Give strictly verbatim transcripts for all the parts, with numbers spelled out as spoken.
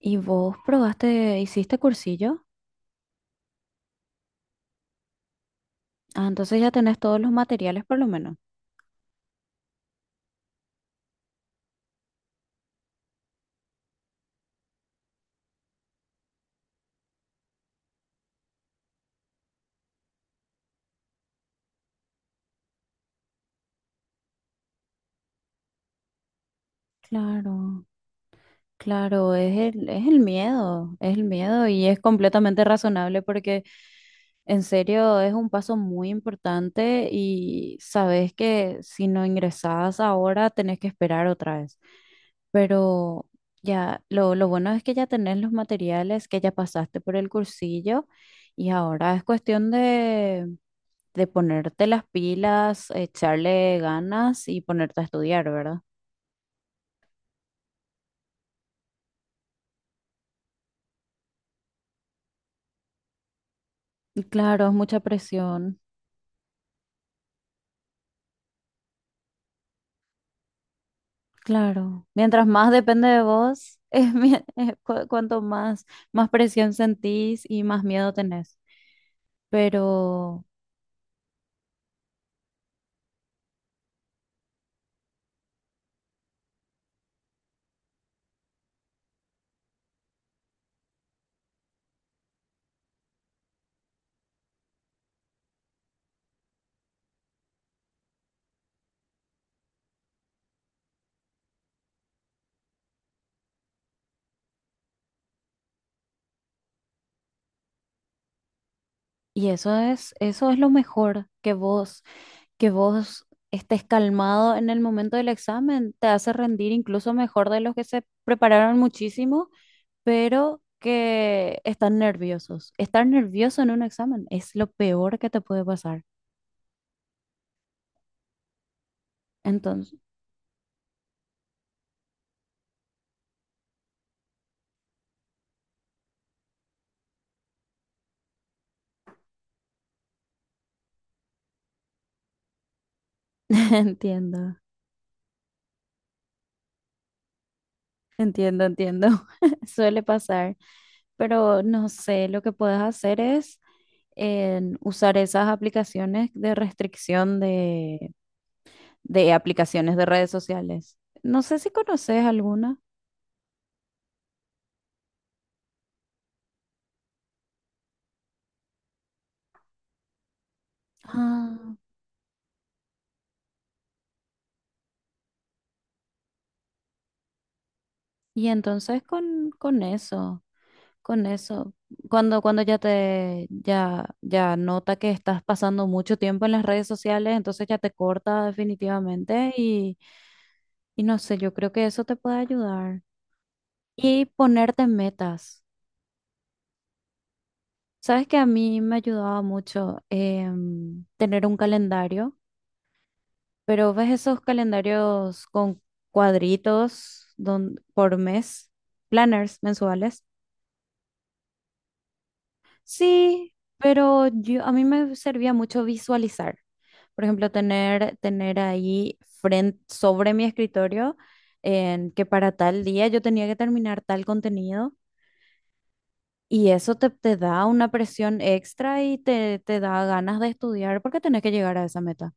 ¿Y vos probaste, hiciste cursillo? Ah, entonces ya tenés todos los materiales por lo menos. Claro, claro, es el, es el miedo, es el miedo y es completamente razonable porque en serio es un paso muy importante y sabes que si no ingresás ahora tenés que esperar otra vez. Pero ya, lo, lo bueno es que ya tenés los materiales, que ya pasaste por el cursillo y ahora es cuestión de ponerte las pilas, echarle ganas y ponerte a estudiar, ¿verdad? Y claro, es mucha presión, claro. Mientras más depende de vos, es, mi- es cu- cuanto más, más presión sentís y más miedo tenés. Pero, y eso es, eso es lo mejor, que vos, que vos estés calmado en el momento del examen, te hace rendir incluso mejor de los que se prepararon muchísimo pero que están nerviosos. Estar nervioso en un examen es lo peor que te puede pasar. Entonces, entiendo, entiendo, entiendo. Suele pasar, pero no sé, lo que puedes hacer es en usar esas aplicaciones de restricción de, de aplicaciones de redes sociales. No sé si conoces alguna. Ah, y entonces con, con eso. Con eso, cuando, cuando ya te, ya, ya nota que estás pasando mucho tiempo en las redes sociales, entonces ya te corta definitivamente y, y no sé, yo creo que eso te puede ayudar. Y ponerte metas. Sabes que a mí me ayudaba mucho em, tener un calendario, pero ves esos calendarios con cuadritos don- por mes, planners mensuales. Sí, pero yo, a mí me servía mucho visualizar. Por ejemplo, tener, tener ahí frente, sobre mi escritorio en que para tal día yo tenía que terminar tal contenido y eso te, te da una presión extra y te, te da ganas de estudiar porque tenés que llegar a esa meta.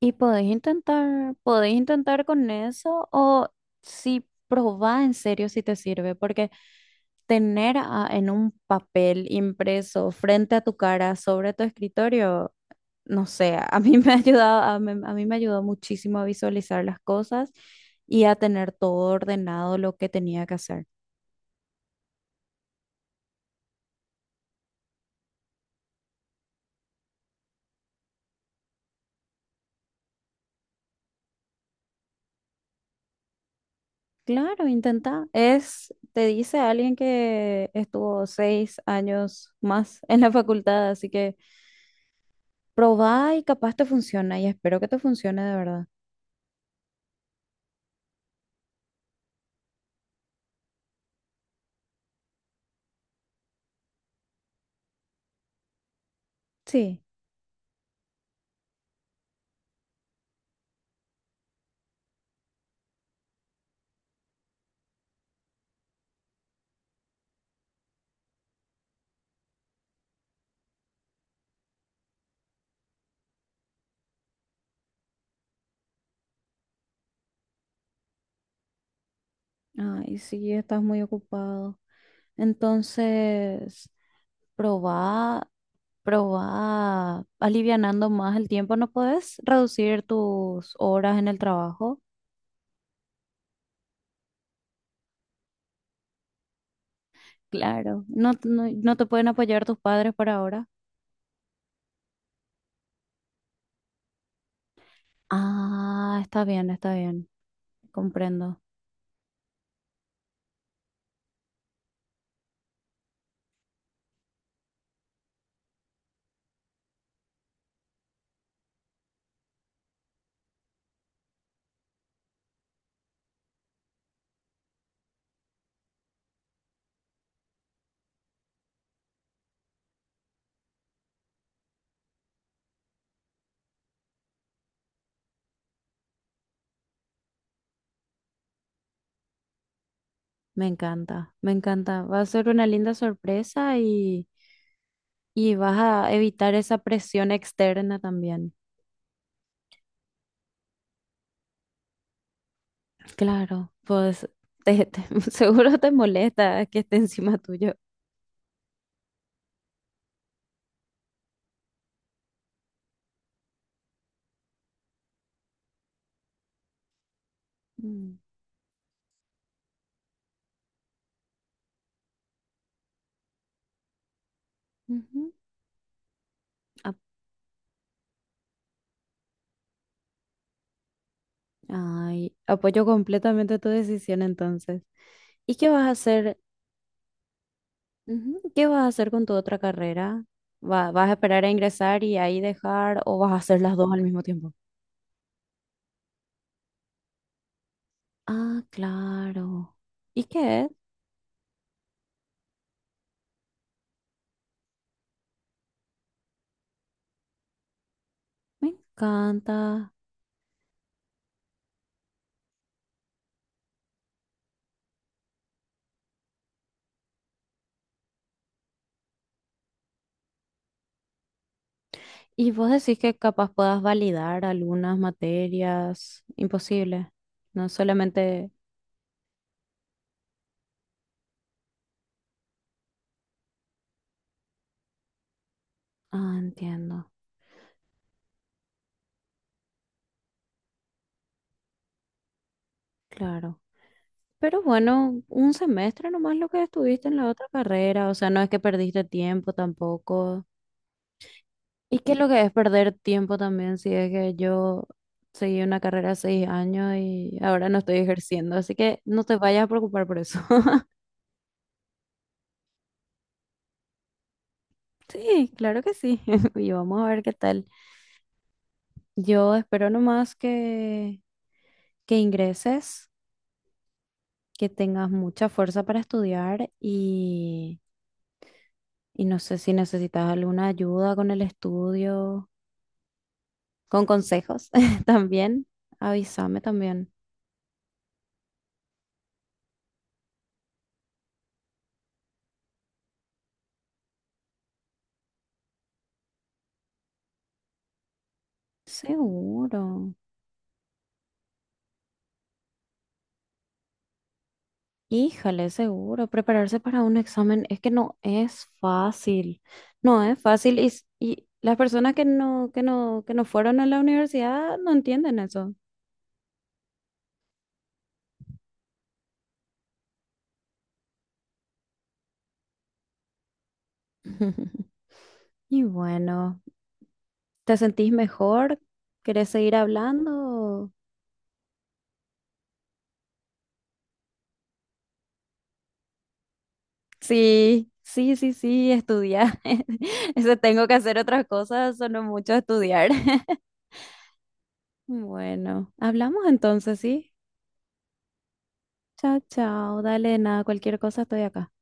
Y podés intentar, podés intentar con eso o si probá en serio si te sirve, porque tener a- en un papel impreso frente a tu cara sobre tu escritorio no sé, a mí me ha ayudado, a mí, a mí me ayudó muchísimo a visualizar las cosas y a tener todo ordenado lo que tenía que hacer. Claro, intenta. Es, te dice alguien que estuvo seis años más en la facultad, así que probá y capaz te funciona y espero que te funcione de verdad. Sí. Ay, sí, estás muy ocupado. Entonces, probá. Pero va alivianando más el tiempo, ¿no puedes reducir tus horas en el trabajo? Claro, no, t- no, no te pueden apoyar tus padres por ahora. Ah, está bien, está bien, comprendo. Me encanta, me encanta. Va a ser una linda sorpresa y, y vas a evitar esa presión externa también. Claro, pues te- te- seguro te molesta que esté encima tuyo. Mm, ujú. Ay, apoyo completamente tu decisión entonces. ¿Y qué vas a hacer? Ujú, ¿qué vas a hacer con tu otra carrera? ¿Va- vas a esperar a ingresar y ahí dejar o vas a hacer las dos al mismo tiempo? Ah, claro. ¿Y qué es? Me encanta. ¿Y vos decís que capaz puedas validar algunas materias? Imposible. No solamente... Ah, entiendo. Claro. Pero bueno, un semestre nomás lo que estuviste en la otra carrera, o sea, no es que perdiste tiempo tampoco. ¿Y qué es lo que es perder tiempo también si es que yo seguí una carrera de seis años y ahora no estoy ejerciendo? Así que no te vayas a preocupar por eso. Sí, claro que sí. Y vamos a ver qué tal. Yo espero nomás que, que ingreses, que tengas mucha fuerza para estudiar y, y no sé si necesitas alguna ayuda con el estudio con consejos también. Avísame también. Seguro. Híjole, seguro. Prepararse para un examen es que no es fácil. No es fácil y, s- y las personas que no, que no, que no fueron a la universidad no entienden eso. Y bueno, ¿te sentís mejor? ¿Querés seguir hablando? Sí, sí, sí, sí, estudiar. Eso tengo que hacer otras cosas, sonó mucho estudiar. Bueno, hablamos entonces, ¿sí? Chao, chao. Dale, nada, cualquier cosa estoy acá.